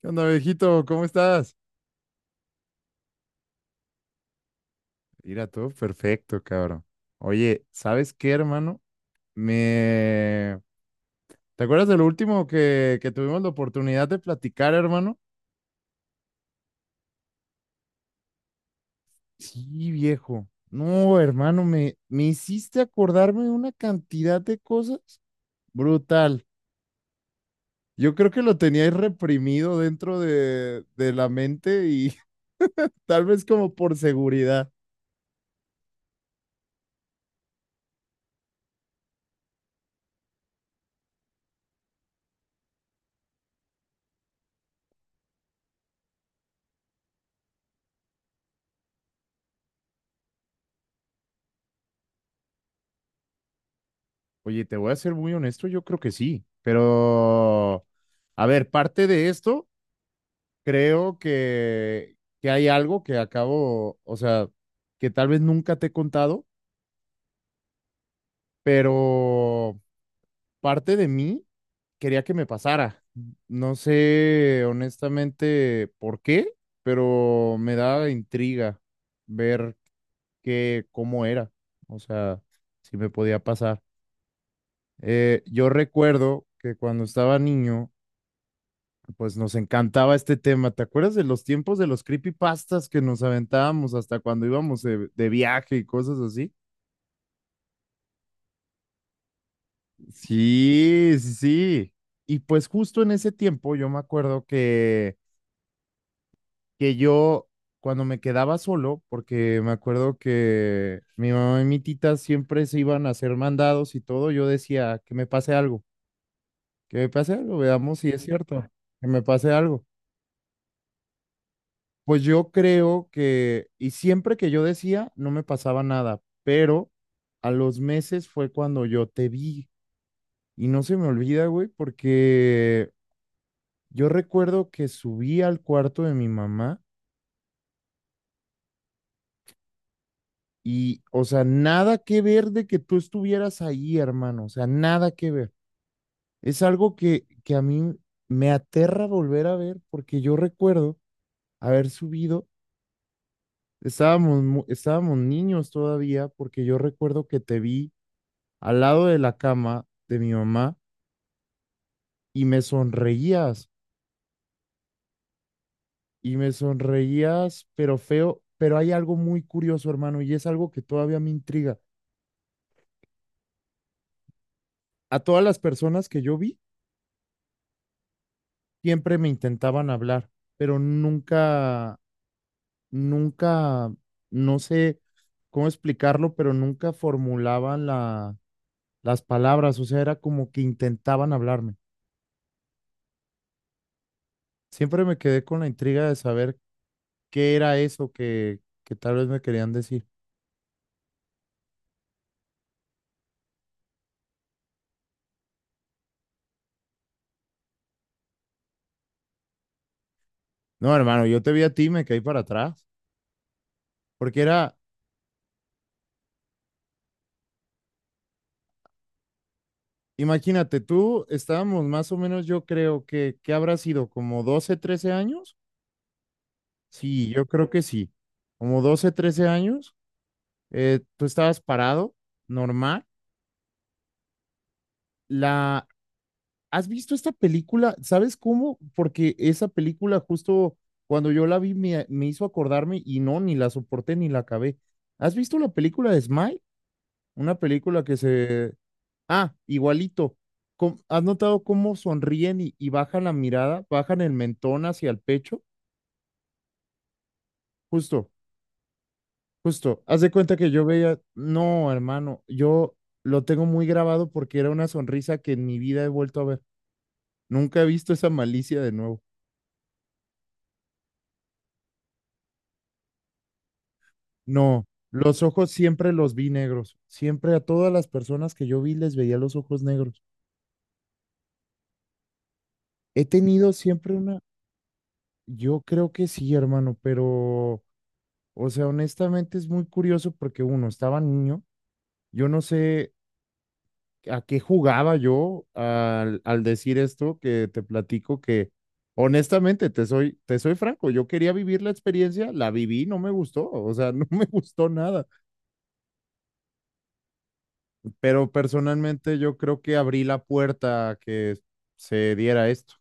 ¿Qué onda, viejito? ¿Cómo estás? Mira, todo perfecto, cabrón. Oye, ¿sabes qué, hermano? Me... ¿Te acuerdas de lo último que tuvimos la oportunidad de platicar, hermano? Sí, viejo. No, hermano, me hiciste acordarme de una cantidad de cosas brutal. Yo creo que lo tenía ahí reprimido dentro de la mente y tal vez como por seguridad. Oye, te voy a ser muy honesto, yo creo que sí, pero... A ver, parte de esto creo que hay algo que acabo, o sea, que tal vez nunca te he contado, pero parte de mí quería que me pasara. No sé honestamente por qué, pero me da intriga ver qué, cómo era, o sea, si me podía pasar. Yo recuerdo que cuando estaba niño, pues nos encantaba este tema. ¿Te acuerdas de los tiempos de los creepypastas que nos aventábamos hasta cuando íbamos de viaje y cosas así? Sí, sí, sí. Y pues justo en ese tiempo yo me acuerdo que yo cuando me quedaba solo, porque me acuerdo que mi mamá y mi tita siempre se iban a hacer mandados y todo, yo decía que me pase algo, que me pase algo, veamos si es cierto, que me pase algo. Pues yo creo que, y siempre que yo decía, no me pasaba nada, pero a los meses fue cuando yo te vi. Y no se me olvida, güey, porque yo recuerdo que subí al cuarto de mi mamá y, o sea, nada que ver de que tú estuvieras ahí, hermano, o sea, nada que ver. Es algo que a mí me aterra volver a ver porque yo recuerdo haber subido, estábamos niños todavía, porque yo recuerdo que te vi al lado de la cama de mi mamá y me sonreías, y me sonreías, pero feo, pero hay algo muy curioso, hermano, y es algo que todavía me intriga. A todas las personas que yo vi, siempre me intentaban hablar, pero nunca, nunca, no sé cómo explicarlo, pero nunca formulaban las palabras, o sea, era como que intentaban hablarme. Siempre me quedé con la intriga de saber qué era eso que tal vez me querían decir. No, hermano, yo te vi a ti, me caí para atrás, porque era, imagínate, tú estábamos más o menos, yo creo que, ¿qué habrá sido? ¿Como 12, 13 años? Sí, yo creo que sí, como 12, 13 años, tú estabas parado, normal. La, ¿has visto esta película? ¿Sabes cómo? Porque esa película justo cuando yo la vi me hizo acordarme y no, ni la soporté ni la acabé. ¿Has visto la película de Smile? Una película que se... ¡Ah, igualito! ¿Has notado cómo sonríen y bajan la mirada, bajan el mentón hacia el pecho? Justo, justo. Haz de cuenta que yo veía, no, hermano, yo lo tengo muy grabado porque era una sonrisa que en mi vida he vuelto a ver. Nunca he visto esa malicia de nuevo. No, los ojos siempre los vi negros. Siempre a todas las personas que yo vi les veía los ojos negros. He tenido siempre una, yo creo que sí, hermano, pero, o sea, honestamente es muy curioso porque uno, estaba niño. Yo no sé a qué jugaba yo al decir esto que te platico que honestamente te soy franco, yo quería vivir la experiencia, la viví, no me gustó, o sea, no me gustó nada, pero personalmente yo creo que abrí la puerta a que se diera esto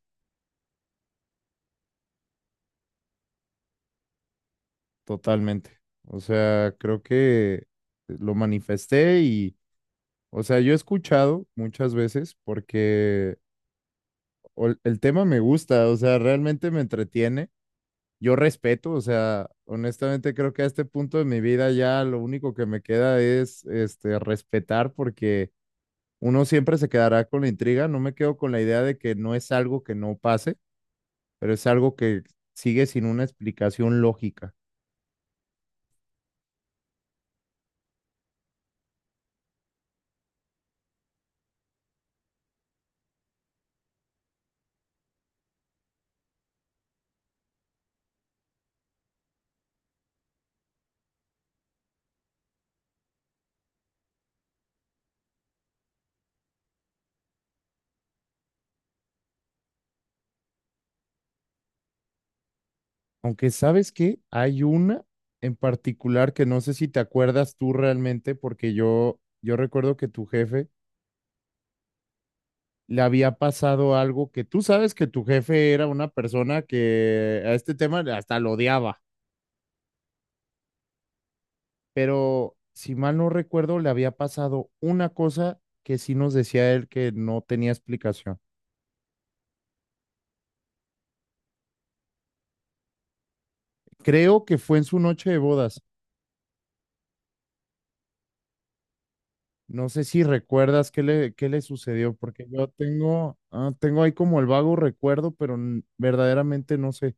totalmente. O sea, creo que lo manifesté y, o sea, yo he escuchado muchas veces porque el tema me gusta, o sea, realmente me entretiene. Yo respeto, o sea, honestamente creo que a este punto de mi vida ya lo único que me queda es este respetar, porque uno siempre se quedará con la intriga, no me quedo con la idea de que no es algo que no pase, pero es algo que sigue sin una explicación lógica. Aunque sabes que hay una en particular que no sé si te acuerdas tú realmente, porque yo recuerdo que tu jefe le había pasado algo, que tú sabes que tu jefe era una persona que a este tema hasta lo odiaba. Pero si mal no recuerdo, le había pasado una cosa que sí nos decía él que no tenía explicación. Creo que fue en su noche de bodas. No sé si recuerdas qué le sucedió, porque yo tengo, ah, tengo ahí como el vago recuerdo, pero verdaderamente no sé.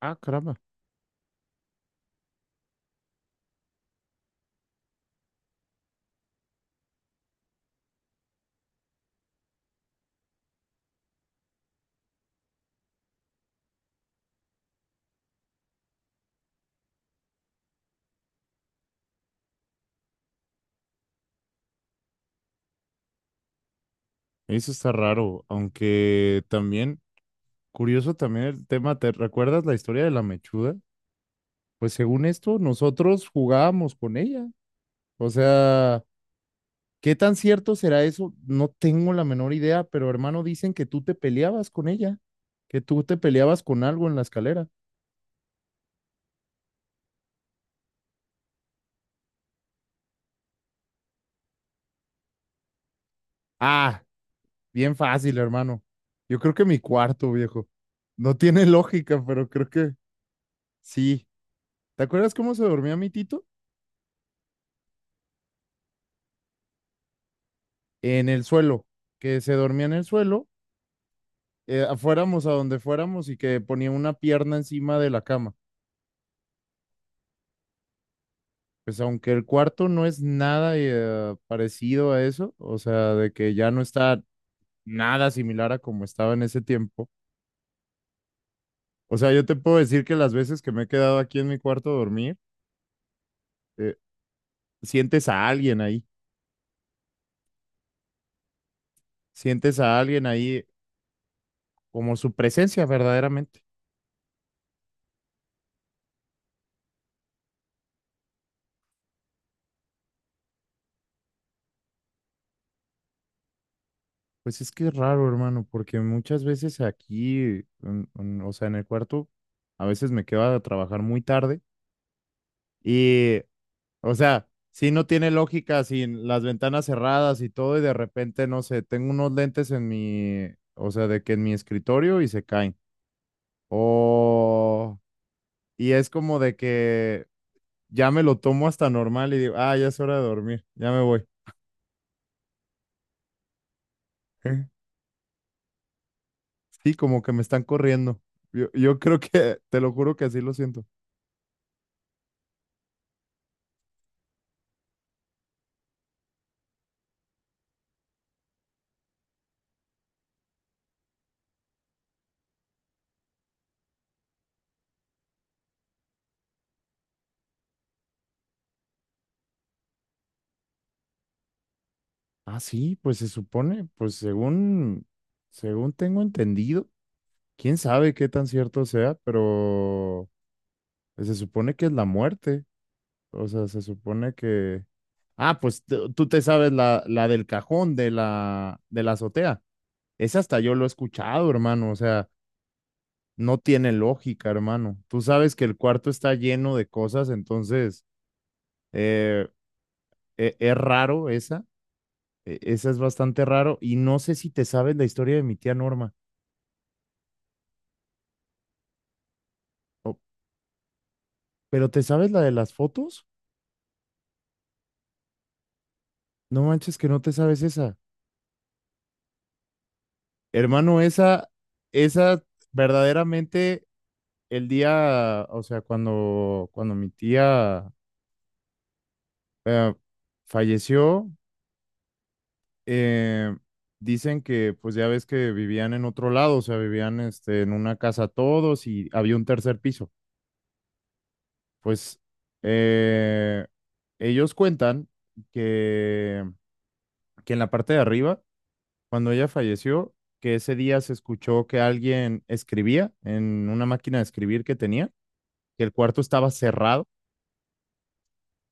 Ah, caramba. Eso está raro, aunque también, curioso también el tema, ¿te recuerdas la historia de la mechuda? Pues según esto, nosotros jugábamos con ella. O sea, ¿qué tan cierto será eso? No tengo la menor idea, pero hermano, dicen que tú te peleabas con ella, que tú te peleabas con algo en la escalera. Ah, bien fácil, hermano. Yo creo que mi cuarto, viejo. No tiene lógica, pero creo que sí. ¿Te acuerdas cómo se dormía mi tito? En el suelo, que se dormía en el suelo, fuéramos a donde fuéramos y que ponía una pierna encima de la cama. Pues aunque el cuarto no es nada parecido a eso, o sea, de que ya no está nada similar a como estaba en ese tiempo. O sea, yo te puedo decir que las veces que me he quedado aquí en mi cuarto a dormir, eh, sientes a alguien ahí, sientes a alguien ahí como su presencia verdaderamente. Pues es que es raro, hermano, porque muchas veces aquí, o sea, en el cuarto, a veces me quedo a trabajar muy tarde y, o sea, si no tiene lógica, sin las ventanas cerradas y todo, y de repente, no sé, tengo unos lentes en mi, o sea, de que en mi escritorio y se caen o... Y es como de que ya me lo tomo hasta normal y digo, ah, ya es hora de dormir, ya me voy. Sí, como que me están corriendo. Yo creo que, te lo juro que así lo siento. Ah, sí, pues se supone, pues según, según tengo entendido, quién sabe qué tan cierto sea, pero pues, se supone que es la muerte. O sea, se supone que... Ah, pues tú te sabes la, la del cajón de la azotea. Esa hasta yo lo he escuchado, hermano. O sea, no tiene lógica, hermano. Tú sabes que el cuarto está lleno de cosas, entonces eh, es raro esa, esa es bastante raro. Y no sé si te sabes la historia de mi tía Norma, o- pero ¿te sabes la de las fotos? No manches que no te sabes esa. Hermano, esa verdaderamente el día, o sea, cuando, cuando mi tía eh, falleció, eh, dicen que pues ya ves que vivían en otro lado, o sea, vivían este, en una casa todos y había un tercer piso. Pues eh, ellos cuentan que, que en la parte de arriba, cuando ella falleció, que ese día se escuchó que alguien escribía en una máquina de escribir que tenía, que el cuarto estaba cerrado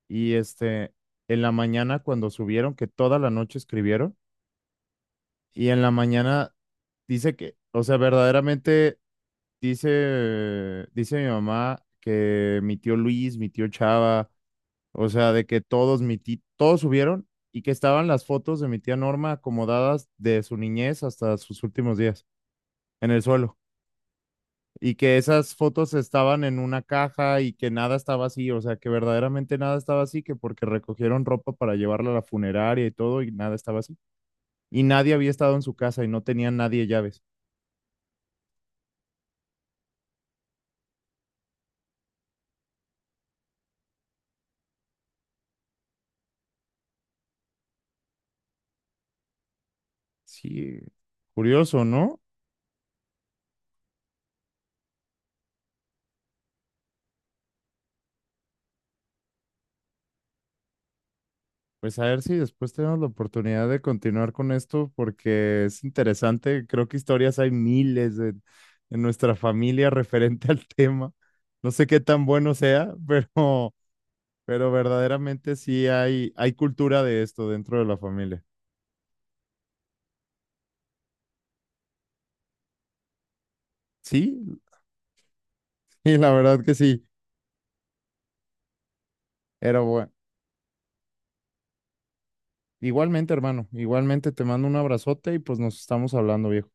y este, en la mañana cuando subieron, que toda la noche escribieron y en la mañana dice que, o sea, verdaderamente... Dice mi mamá que mi tío Luis, mi tío Chava, o sea, de que todos subieron y que estaban las fotos de mi tía Norma acomodadas de su niñez hasta sus últimos días en el suelo y que esas fotos estaban en una caja y que nada estaba así, o sea, que verdaderamente nada estaba así, que porque recogieron ropa para llevarla a la funeraria y todo y nada estaba así. Y nadie había estado en su casa y no tenía nadie llaves. Sí, curioso, ¿no? Pues a ver si después tenemos la oportunidad de continuar con esto porque es interesante. Creo que historias hay miles en nuestra familia referente al tema. No sé qué tan bueno sea, pero verdaderamente sí hay cultura de esto dentro de la familia. Sí, y la verdad que sí. Pero bueno, igualmente, hermano, igualmente te mando un abrazote y pues nos estamos hablando, viejo.